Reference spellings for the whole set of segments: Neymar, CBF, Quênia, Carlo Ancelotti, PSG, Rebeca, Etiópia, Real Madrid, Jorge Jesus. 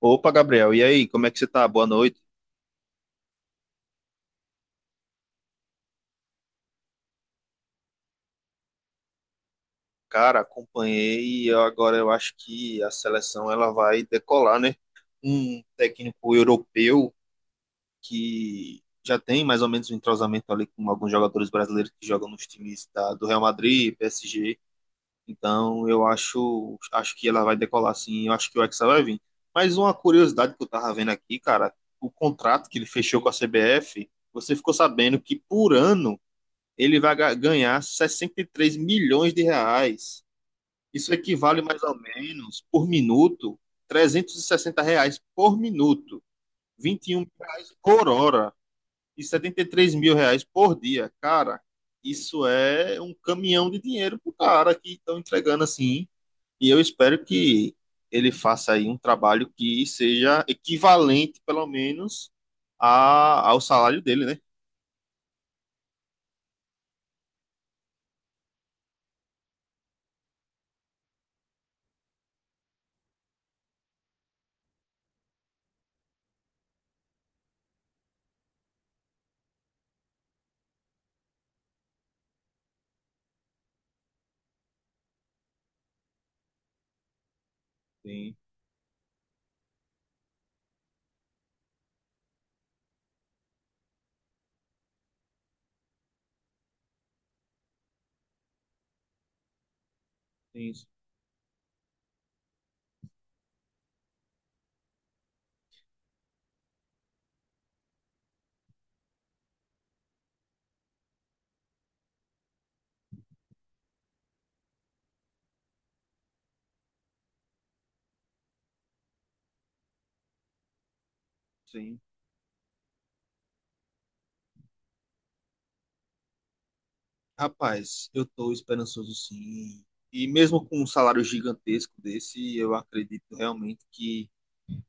Opa, Gabriel, e aí, como é que você tá? Boa noite. Cara, acompanhei agora eu acho que a seleção ela vai decolar, né? Um técnico europeu que já tem mais ou menos um entrosamento ali com alguns jogadores brasileiros que jogam nos times do Real Madrid, PSG. Então, acho que ela vai decolar sim, eu acho que o Hexa vai vir. Mas uma curiosidade que eu tava vendo aqui, cara, o contrato que ele fechou com a CBF, você ficou sabendo que por ano ele vai ganhar 63 milhões de reais. Isso equivale mais ou menos, por minuto, 360 reais por minuto, 21 reais por hora e 73 mil reais por dia. Cara, isso é um caminhão de dinheiro pro cara que estão entregando assim. E eu espero que ele faça aí um trabalho que seja equivalente, pelo menos, ao salário dele, né? Sim, sim, sim. Rapaz, eu tô esperançoso sim. E mesmo com um salário gigantesco desse, eu acredito realmente que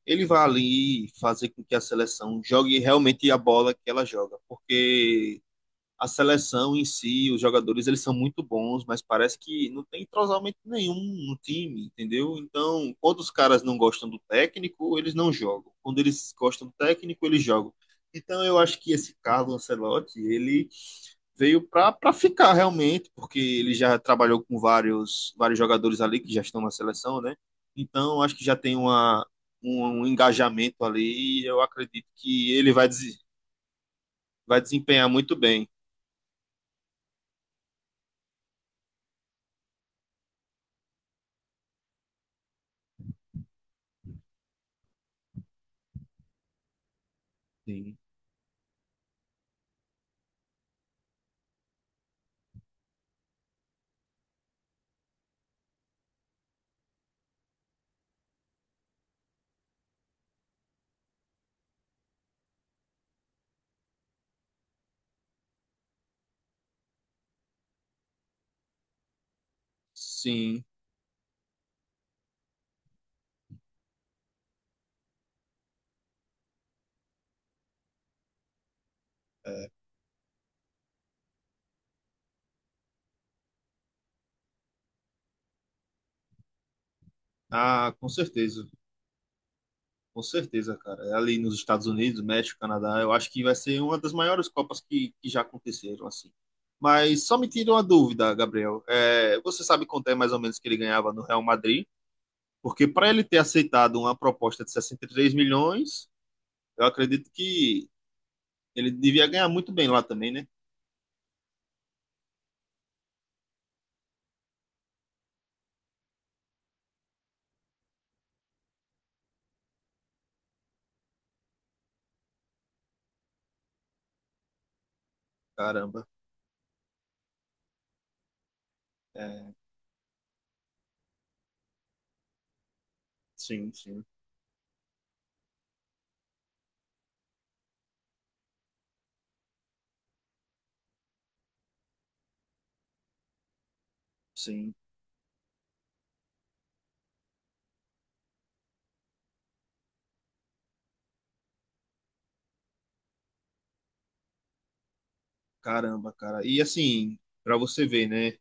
ele vai ali fazer com que a seleção jogue realmente a bola que ela joga, porque a seleção em si, os jogadores, eles são muito bons, mas parece que não tem entrosamento nenhum no time, entendeu? Então, quando os caras não gostam do técnico, eles não jogam. Quando eles gostam do técnico, eles jogam. Então, eu acho que esse Carlo Ancelotti, ele veio para ficar realmente, porque ele já trabalhou com vários, vários jogadores ali que já estão na seleção, né? Então, acho que já tem um engajamento ali e eu acredito que ele vai, vai desempenhar muito bem. Sim. Sim. Ah, com certeza. Com certeza, cara. Ali nos Estados Unidos, México, Canadá, eu acho que vai ser uma das maiores Copas que já aconteceram, assim. Mas só me tira uma dúvida, Gabriel. É, você sabe quanto é mais ou menos que ele ganhava no Real Madrid? Porque para ele ter aceitado uma proposta de 63 milhões, eu acredito que ele devia ganhar muito bem lá também, né? Caramba. É, sim, sim, sim. Caramba, cara. E assim, para você ver, né?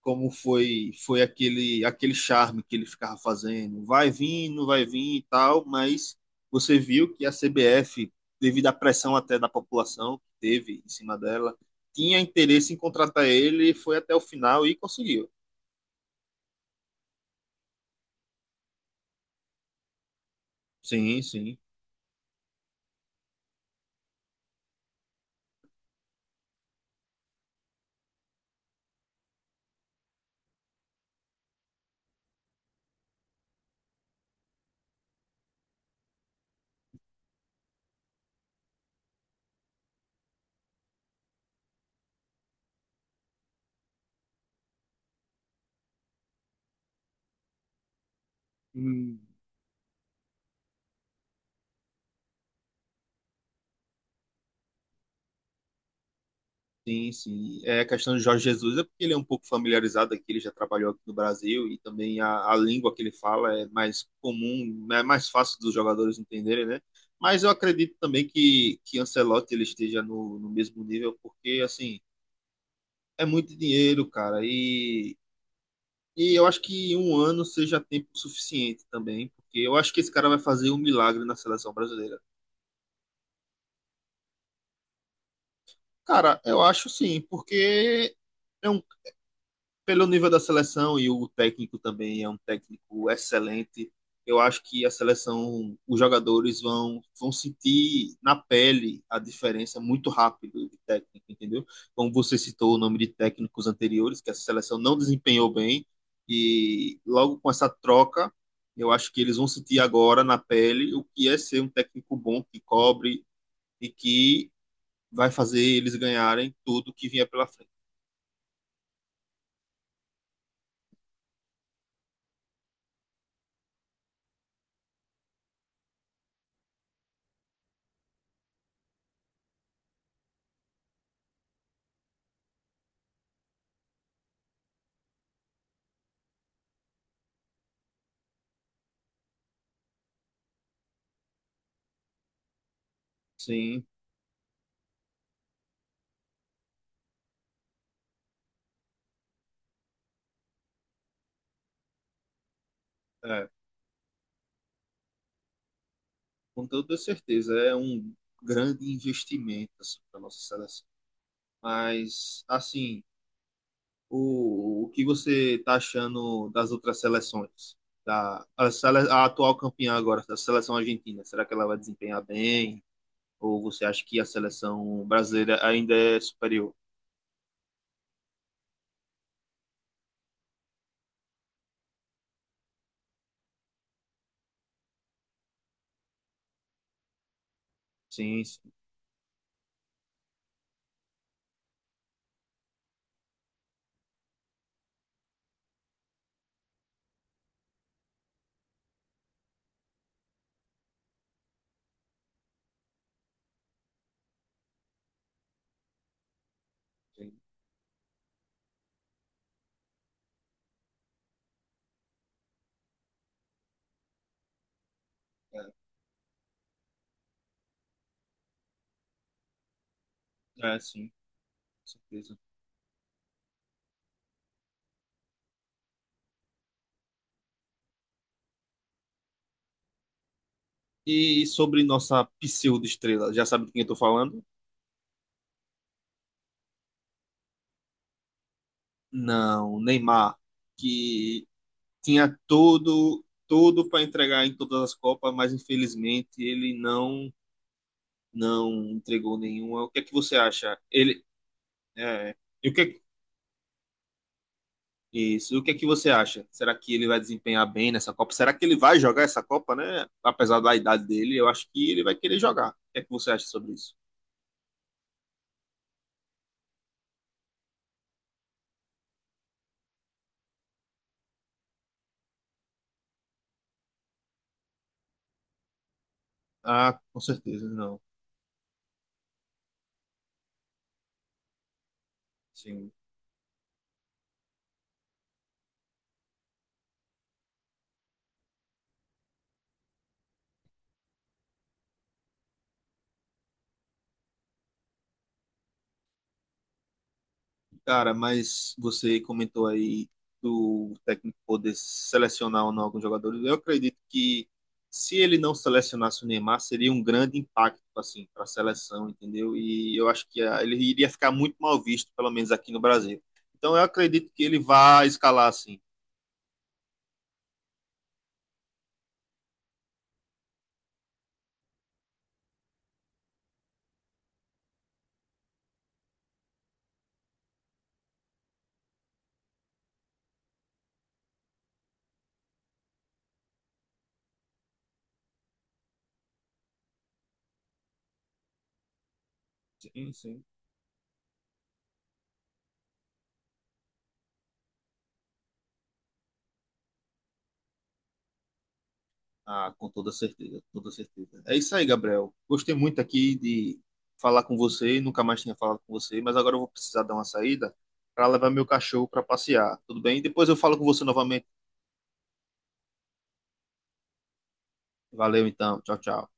Como foi aquele charme que ele ficava fazendo. Vai vir, não vai vir e tal, mas você viu que a CBF, devido à pressão até da população que teve em cima dela, tinha interesse em contratar ele, foi até o final e conseguiu. Sim, sim. Hum. Sim, sim. É, a questão de Jorge Jesus é porque ele é um pouco familiarizado aqui, ele já trabalhou aqui no Brasil e também a língua que ele fala é mais comum, né, é mais fácil dos jogadores entenderem, né? Mas eu acredito também que Ancelotti ele esteja no mesmo nível, porque, assim, é muito dinheiro, cara, e eu acho que um ano seja tempo suficiente também, porque eu acho que esse cara vai fazer um milagre na seleção brasileira. Cara, eu acho sim, porque. É um, pelo nível da seleção e o técnico também é um técnico excelente, eu acho que a seleção, os jogadores vão sentir na pele a diferença muito rápido de técnico, entendeu? Como você citou o nome de técnicos anteriores, que a seleção não desempenhou bem, e logo com essa troca, eu acho que eles vão sentir agora na pele o que é ser um técnico bom, que cobre e que vai fazer eles ganharem tudo que vier pela frente. Sim, é. Com toda certeza, é um grande investimento assim, para nossa seleção. Mas, assim, o que você está achando das outras seleções? A atual campeã agora, da seleção argentina, será que ela vai desempenhar bem? Ou você acha que a seleção brasileira ainda é superior? Sim, sim, sim. É, é, sim, com certeza. E sobre nossa pseudo-estrela, já sabe de quem eu tô falando? Não, Neymar, que tinha tudo para entregar em todas as Copas, mas infelizmente ele não entregou nenhuma. O que é que você acha? Ele é, e o que é- Isso, o que é que você acha? Será que ele vai desempenhar bem nessa Copa? Será que ele vai jogar essa Copa, né? Apesar da idade dele, eu acho que ele vai querer jogar. O que é que você acha sobre isso? Ah, com certeza, não. Sim, cara, mas você comentou aí do técnico poder selecionar ou não alguns jogadores. Eu acredito que se ele não selecionasse o Neymar, seria um grande impacto assim para a seleção, entendeu? E eu acho que ah, ele iria ficar muito mal visto, pelo menos aqui no Brasil. Então eu acredito que ele vai escalar assim. Sim, sim. Ah, com toda certeza, com toda certeza. É isso aí, Gabriel. Gostei muito aqui de falar com você, nunca mais tinha falado com você, mas agora eu vou precisar dar uma saída para levar meu cachorro para passear. Tudo bem? Depois eu falo com você novamente. Valeu então. Tchau, tchau.